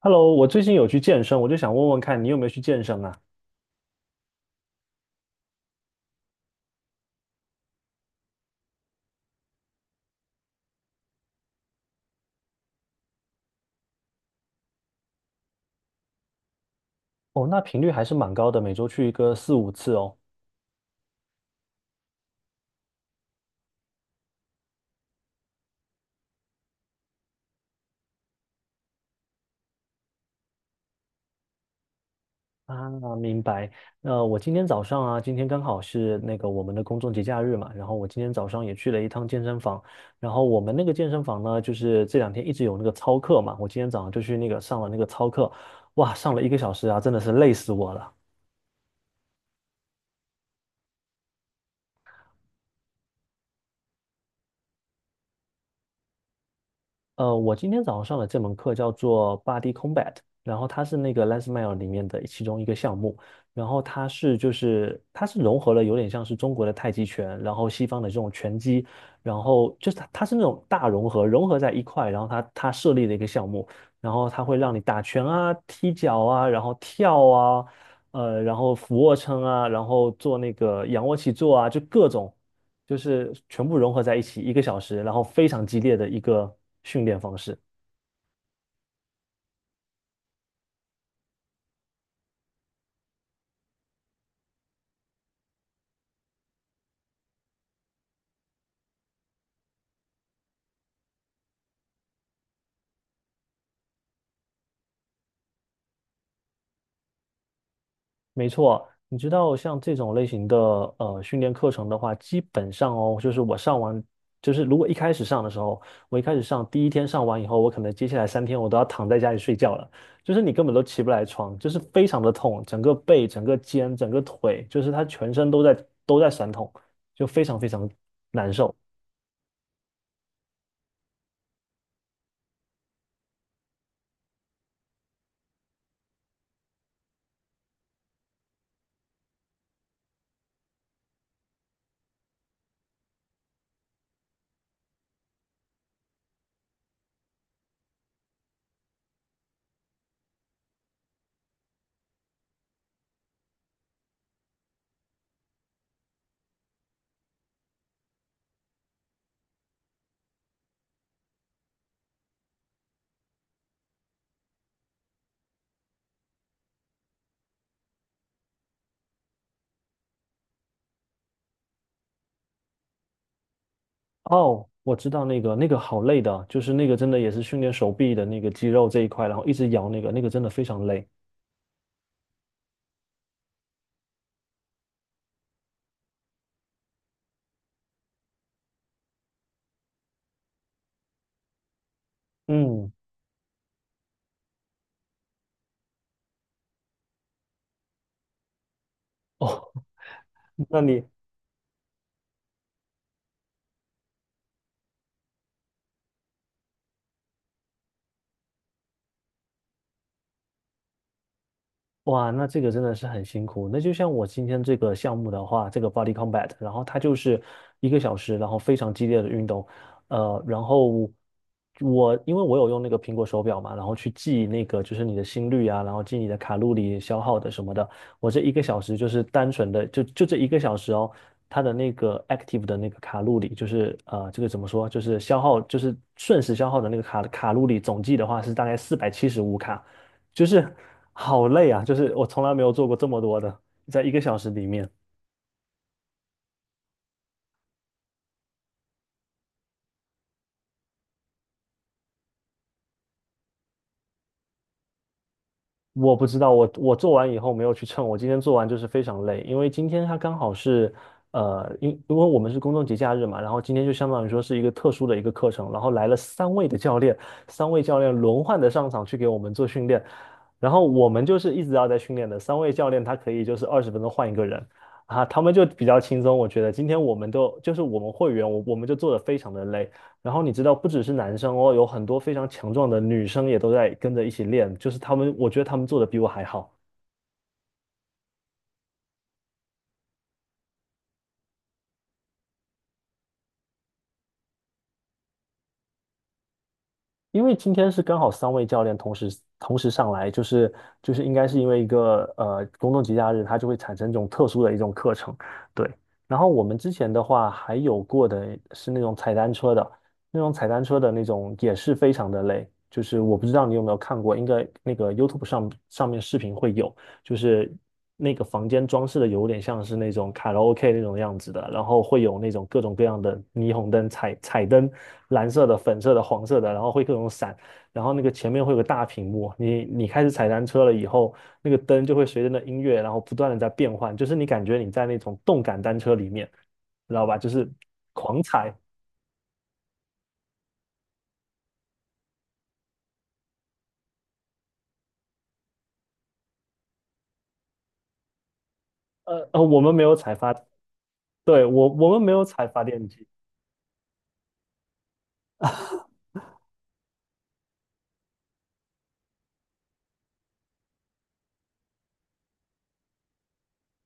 Hello，我最近有去健身，我就想问问看你有没有去健身啊？哦，那频率还是蛮高的，每周去一个四五次哦。啊，明白。那我今天早上啊，今天刚好是那个我们的公众节假日嘛，然后我今天早上也去了一趟健身房。然后我们那个健身房呢，就是这两天一直有那个操课嘛，我今天早上就去那个上了那个操课，哇，上了一个小时啊，真的是累死我了。我今天早上上的这门课叫做 Body Combat，然后它是那个 LensMile 里面的其中一个项目，然后它是就是它是融合了有点像是中国的太极拳，然后西方的这种拳击，然后就是它是那种大融合，融合在一块，然后它设立的一个项目，然后它会让你打拳啊、踢脚啊，然后跳啊，然后俯卧撑啊，然后做那个仰卧起坐啊，就各种。就是全部融合在一起，一个小时，然后非常激烈的一个训练方式。没错，你知道像这种类型的训练课程的话，基本上哦，就是我上完，就是如果一开始上的时候，我一开始上第一天上完以后，我可能接下来三天我都要躺在家里睡觉了，就是你根本都起不来床，就是非常的痛，整个背、整个肩、整个腿，就是它全身都在酸痛，就非常非常难受。哦，我知道那个，那个好累的，就是那个真的也是训练手臂的那个肌肉这一块，然后一直摇那个，那个真的非常累。嗯，哦，那你哇，那这个真的是很辛苦。那就像我今天这个项目的话，这个 Body Combat，然后它就是一个小时，然后非常激烈的运动。然后我因为我有用那个苹果手表嘛，然后去记那个就是你的心率啊，然后记你的卡路里消耗的什么的。我这一个小时就是单纯的就这一个小时哦，它的那个 active 的那个卡路里，就是这个怎么说，就是消耗就是瞬时消耗的那个卡路里总计的话是大概475卡。就是好累啊！就是我从来没有做过这么多的，在一个小时里面，我不知道我我做完以后没有去称，我今天做完就是非常累，因为今天他刚好是因因为我们是公众节假日嘛，然后今天就相当于说是一个特殊的一个课程，然后来了三位的教练，三位教练轮换的上场去给我们做训练，然后我们就是一直要在训练的，三位教练他可以就是20分钟换一个人。啊，他们就比较轻松，我觉得今天我们都就是我们会员，我们就做的非常的累，然后你知道，不只是男生哦，有很多非常强壮的女生也都在跟着一起练，就是他们，我觉得他们做的比我还好。因为今天是刚好三位教练同时上来，就是就是应该是因为一个公众节假日，它就会产生这种特殊的一种课程，对。然后我们之前的话还有过的是那种踩单车的，那种踩单车的那种也是非常的累，就是我不知道你有没有看过，应该那个 YouTube 上面视频会有，就是那个房间装饰的有点像是那种卡拉 OK 那种样子的，然后会有那种各种各样的霓虹灯、彩灯，蓝色的、粉色的、黄色的，然后会各种闪，然后那个前面会有个大屏幕，你开始踩单车了以后，那个灯就会随着那音乐，然后不断的在变换，就是你感觉你在那种动感单车里面，知道吧？就是狂踩，我们没有踩发，对，我我们没有踩发电机。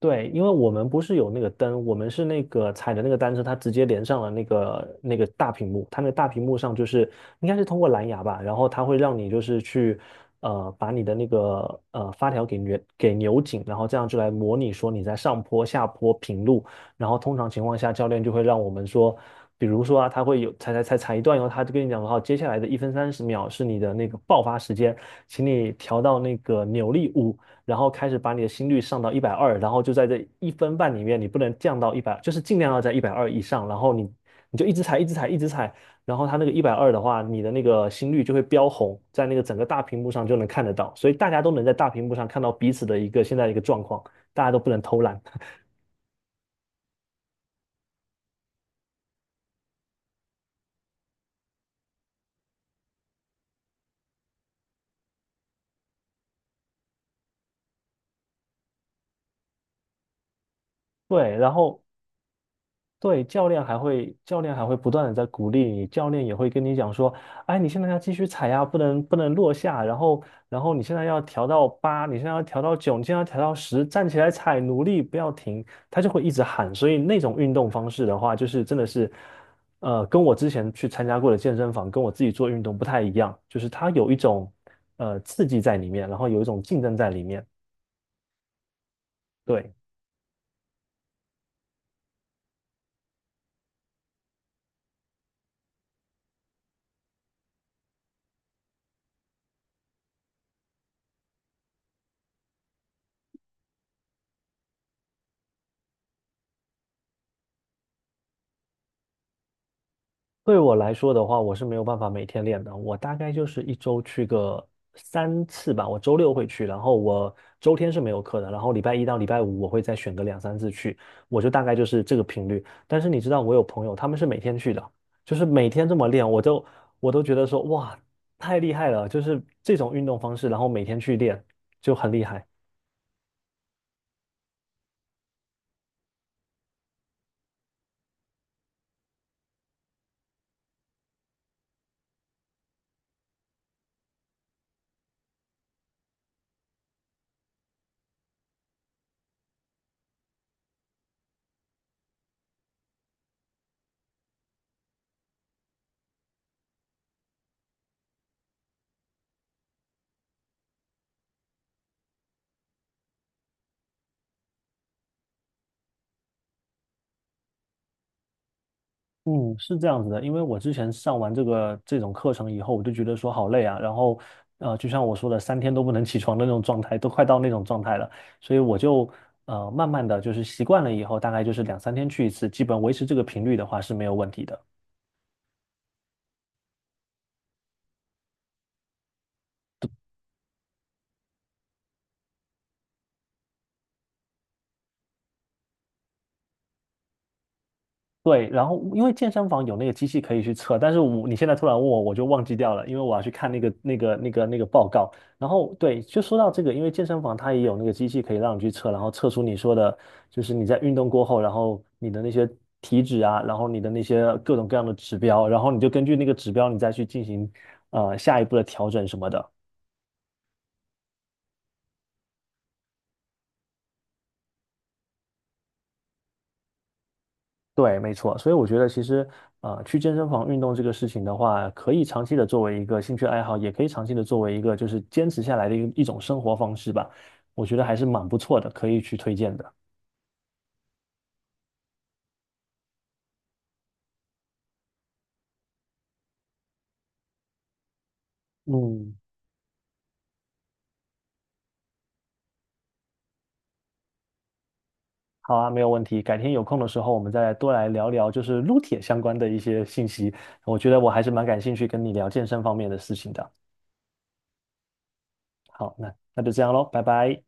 对，因为我们不是有那个灯，我们是那个踩的那个单车，它直接连上了那个那个大屏幕，它那个大屏幕上就是应该是通过蓝牙吧，然后它会让你就是去把你的那个发条给扭紧，然后这样就来模拟说你在上坡、下坡、平路，然后通常情况下教练就会让我们说，比如说啊，他会有踩踩踩踩一段以后，他就跟你讲好，接下来的1分30秒是你的那个爆发时间，请你调到那个扭力五。然后开始把你的心率上到一百二，然后就在这1分半里面，你不能降到一百，就是尽量要在一百二以上，然后你就一直踩，一直踩，一直踩，然后它那个一百二的话，你的那个心率就会飙红，在那个整个大屏幕上就能看得到，所以大家都能在大屏幕上看到彼此的一个现在的一个状况，大家都不能偷懒。对，然后对，教练还会，教练还会不断的在鼓励你，教练也会跟你讲说，哎，你现在要继续踩呀，不能不能落下，然后然后你现在要调到八，你现在要调到九，你现在要调到十，站起来踩，努力不要停，他就会一直喊。所以那种运动方式的话，就是真的是，跟我之前去参加过的健身房，跟我自己做运动不太一样，就是它有一种刺激在里面，然后有一种竞争在里面。对。对我来说的话，我是没有办法每天练的。我大概就是一周去个三次吧。我周六会去，然后我周天是没有课的，然后礼拜一到礼拜五我会再选个两三次去，我就大概就是这个频率。但是你知道，我有朋友他们是每天去的，就是每天这么练，我都觉得说哇，太厉害了！就是这种运动方式，然后每天去练就很厉害。嗯，是这样子的，因为我之前上完这个这种课程以后，我就觉得说好累啊，然后，就像我说的，三天都不能起床的那种状态，都快到那种状态了，所以我就慢慢的就是习惯了以后，大概就是两三天去一次，基本维持这个频率的话是没有问题的。对，然后因为健身房有那个机器可以去测，但是我你现在突然问我，我就忘记掉了，因为我要去看那个报告。然后对，就说到这个，因为健身房它也有那个机器可以让你去测，然后测出你说的，就是你在运动过后，然后你的那些体脂啊，然后你的那些各种各样的指标，然后你就根据那个指标，你再去进行下一步的调整什么的。对，没错，所以我觉得其实，去健身房运动这个事情的话，可以长期的作为一个兴趣爱好，也可以长期的作为一个就是坚持下来的一种生活方式吧。我觉得还是蛮不错的，可以去推荐的。嗯，好啊，没有问题。改天有空的时候，我们再多来聊聊就是撸铁相关的一些信息。我觉得我还是蛮感兴趣跟你聊健身方面的事情的。好，那那就这样喽，拜拜。